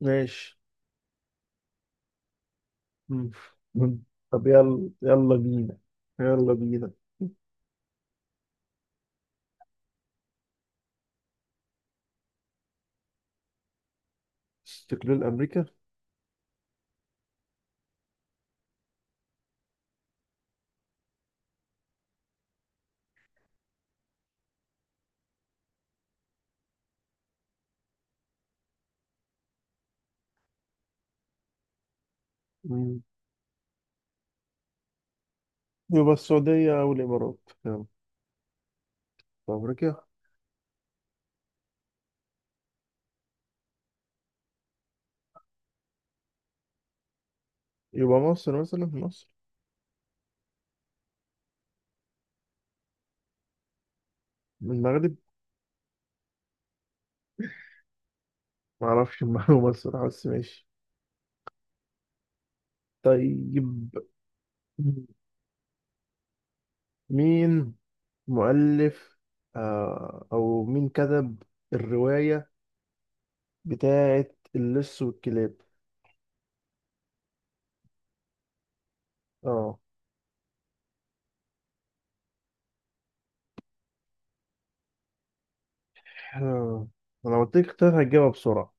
ماشي. مم. مم. طب، يلا يلا بينا، يلا بينا. استقلال أمريكا. مم. يبقى السعودية أو الإمارات. يلا. طب أمريكا. يبقى مصر، مثلا مصر، من المغرب. معرفش المعلومة الصراحة، بس ماشي. طيب، مين مؤلف، أو مين كتب الرواية بتاعة اللص والكلاب؟ اه. آه. أنا لو قلت لك اختيارات هتجاوبها بسرعة.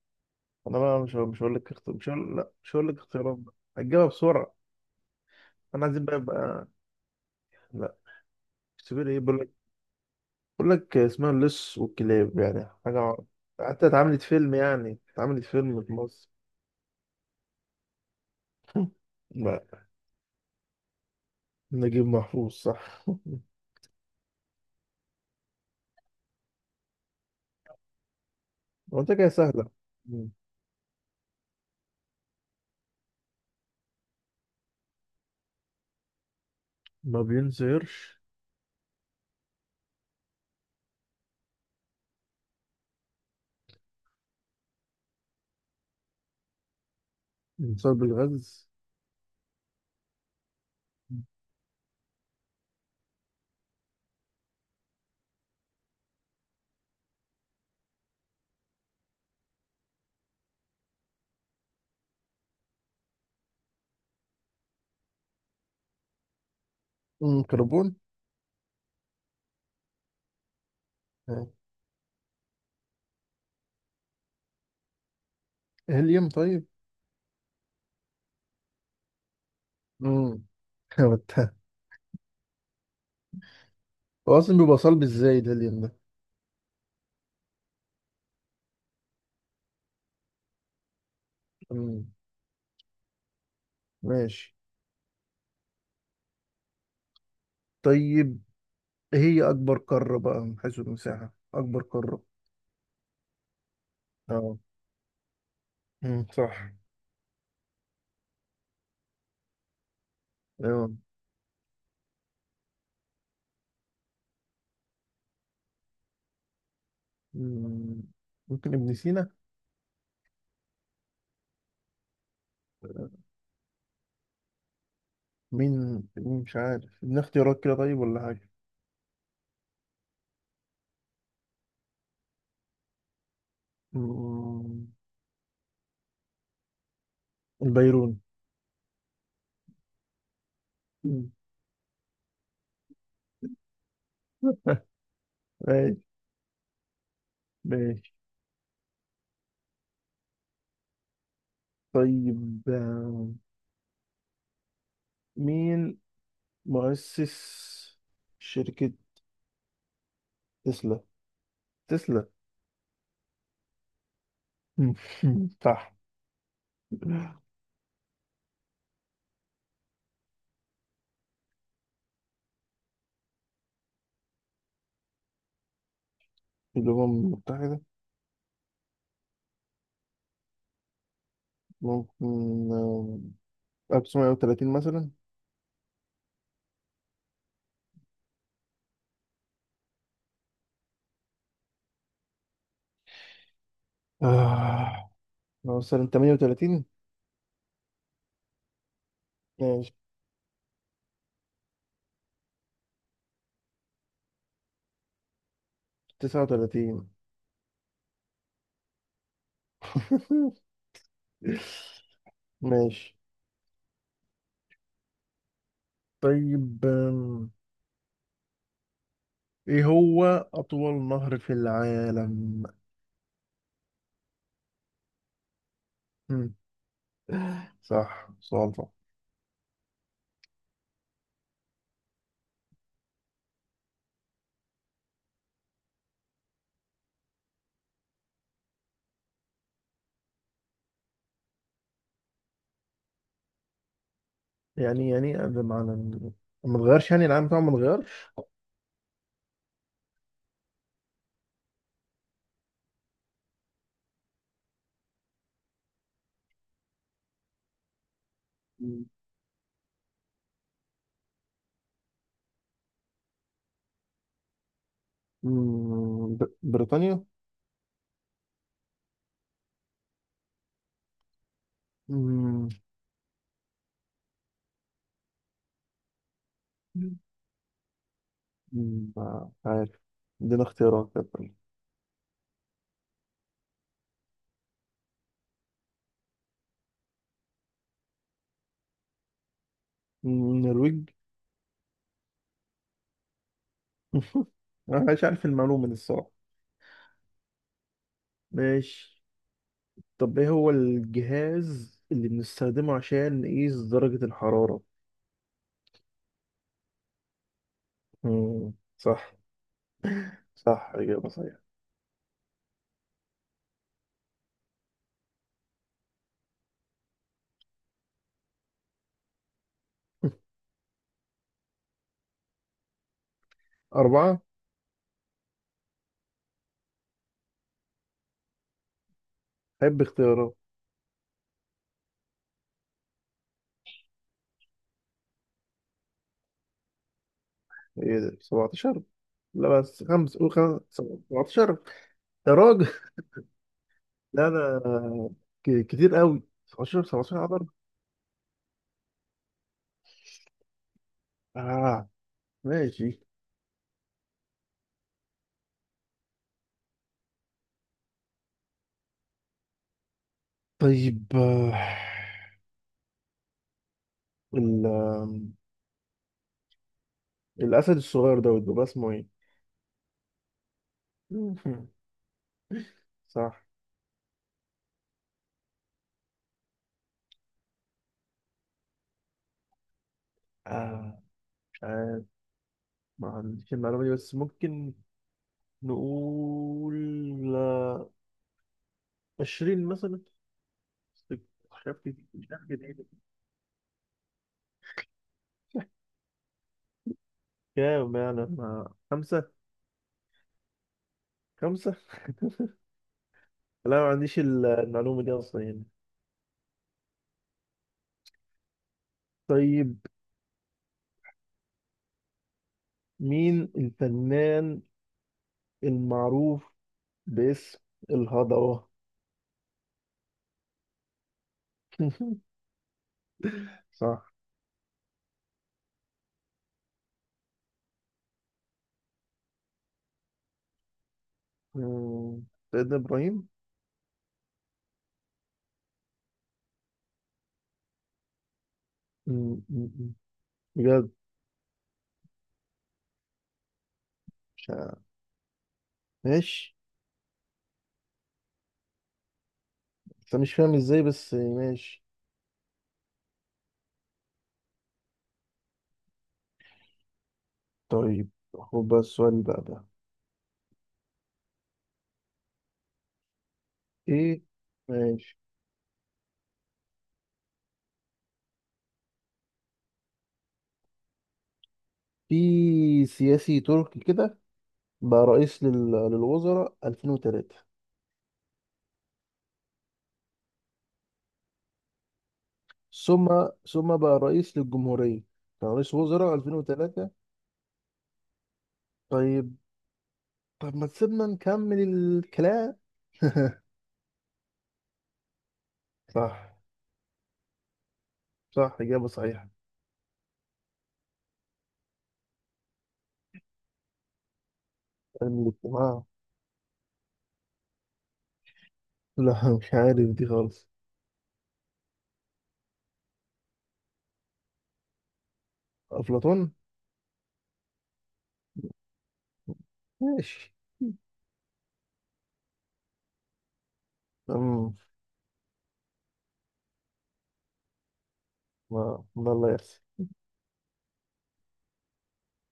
انا بقى مش هقول لك اخت... مش هقول لا، مش هقول لك اختيارات، بقى هتجيبها بسرعه. انا عايزين بقى يبقى. لا، سيبيلي ايه. بقول لك اسمها اللص والكلاب، يعني حاجه. حتى اتعملت فيلم، يعني اتعملت فيلم في مصر. لا، نجيب محفوظ صح. قلت كده سهله. مم. ما بينزهرش؟ بسبب الغاز. كربون. آه. هيليوم طيب. امم هو اصلا بيبقى صلب ازاي الهيليوم ده؟ أمم، ماشي. طيب، هي أكبر قارة بقى من حيث المساحة، أكبر قارة. اه، مم، صح. أيوة. مم، ممكن ابن سينا. مين مين، مش عارف، ادينا اختيارات كده طيب ولا حاجة. مم، البيروني. مم. ماشي، ماشي. طيب، مين مؤسس شركة تسلا؟ تسلا. مم. صح. الأمم المتحدة، ممكن، آه، 1930 مثلا. آه، نوصل 38. ماشي، 39. ماشي. طيب ايه هو أطول نهر في العالم؟ مم، صح، سؤال صح. يعني ده معنى ما اتغيرش، يعني العالم بتاعه ما اتغيرش. بريطانيا. مم، مم، ما مش عارف، ادينا اختيارات طب. النرويج. انا مش عارف المعلومة دي الصراحة. ماشي. طب ايه هو الجهاز اللي بنستخدمه عشان نقيس درجة الحرارة؟ مم. صح، صح إجابة صحيحة. أربعة. حب اختيارات. ايه ده، 17؟ لا، بس خمسة، قول خمسة. 17. يا راجل. لا، أنا كتير قوي 17، 17 على ضرب. آه. ماشي. طيب، آه، ال آه، الأسد الصغير دوت بيبقى اسمه ايه؟ صح. آه مش عارف، ما عنديش المعلومة دي، بس ممكن نقول 20 مثلا. مش عارف كده. كام يعني؟ ما 5. 5. لا، ما عنديش المعلومة دي أصلا يعني. طيب، مين الفنان المعروف باسم الهضبة؟ صح. مم، سيدنا إبراهيم. مم، مم، مم. بجد. مش عارف. ماشي، بس أنا مش فاهم ازاي، بس ماشي. طيب، خد بقى السؤال بقى ده. ايه؟ ماشي. في سياسي تركي كده، بقى رئيس للوزراء 2003، ثم ثم بقى رئيس للجمهورية، كان رئيس وزراء 2003. طيب. ما تسيبنا نكمل الكلام. صح. صح، إجابة صحيحة. علم الاجتماع. لا، مش عارف دي خالص. أفلاطون. ماشي. أمم ما الله يحسن.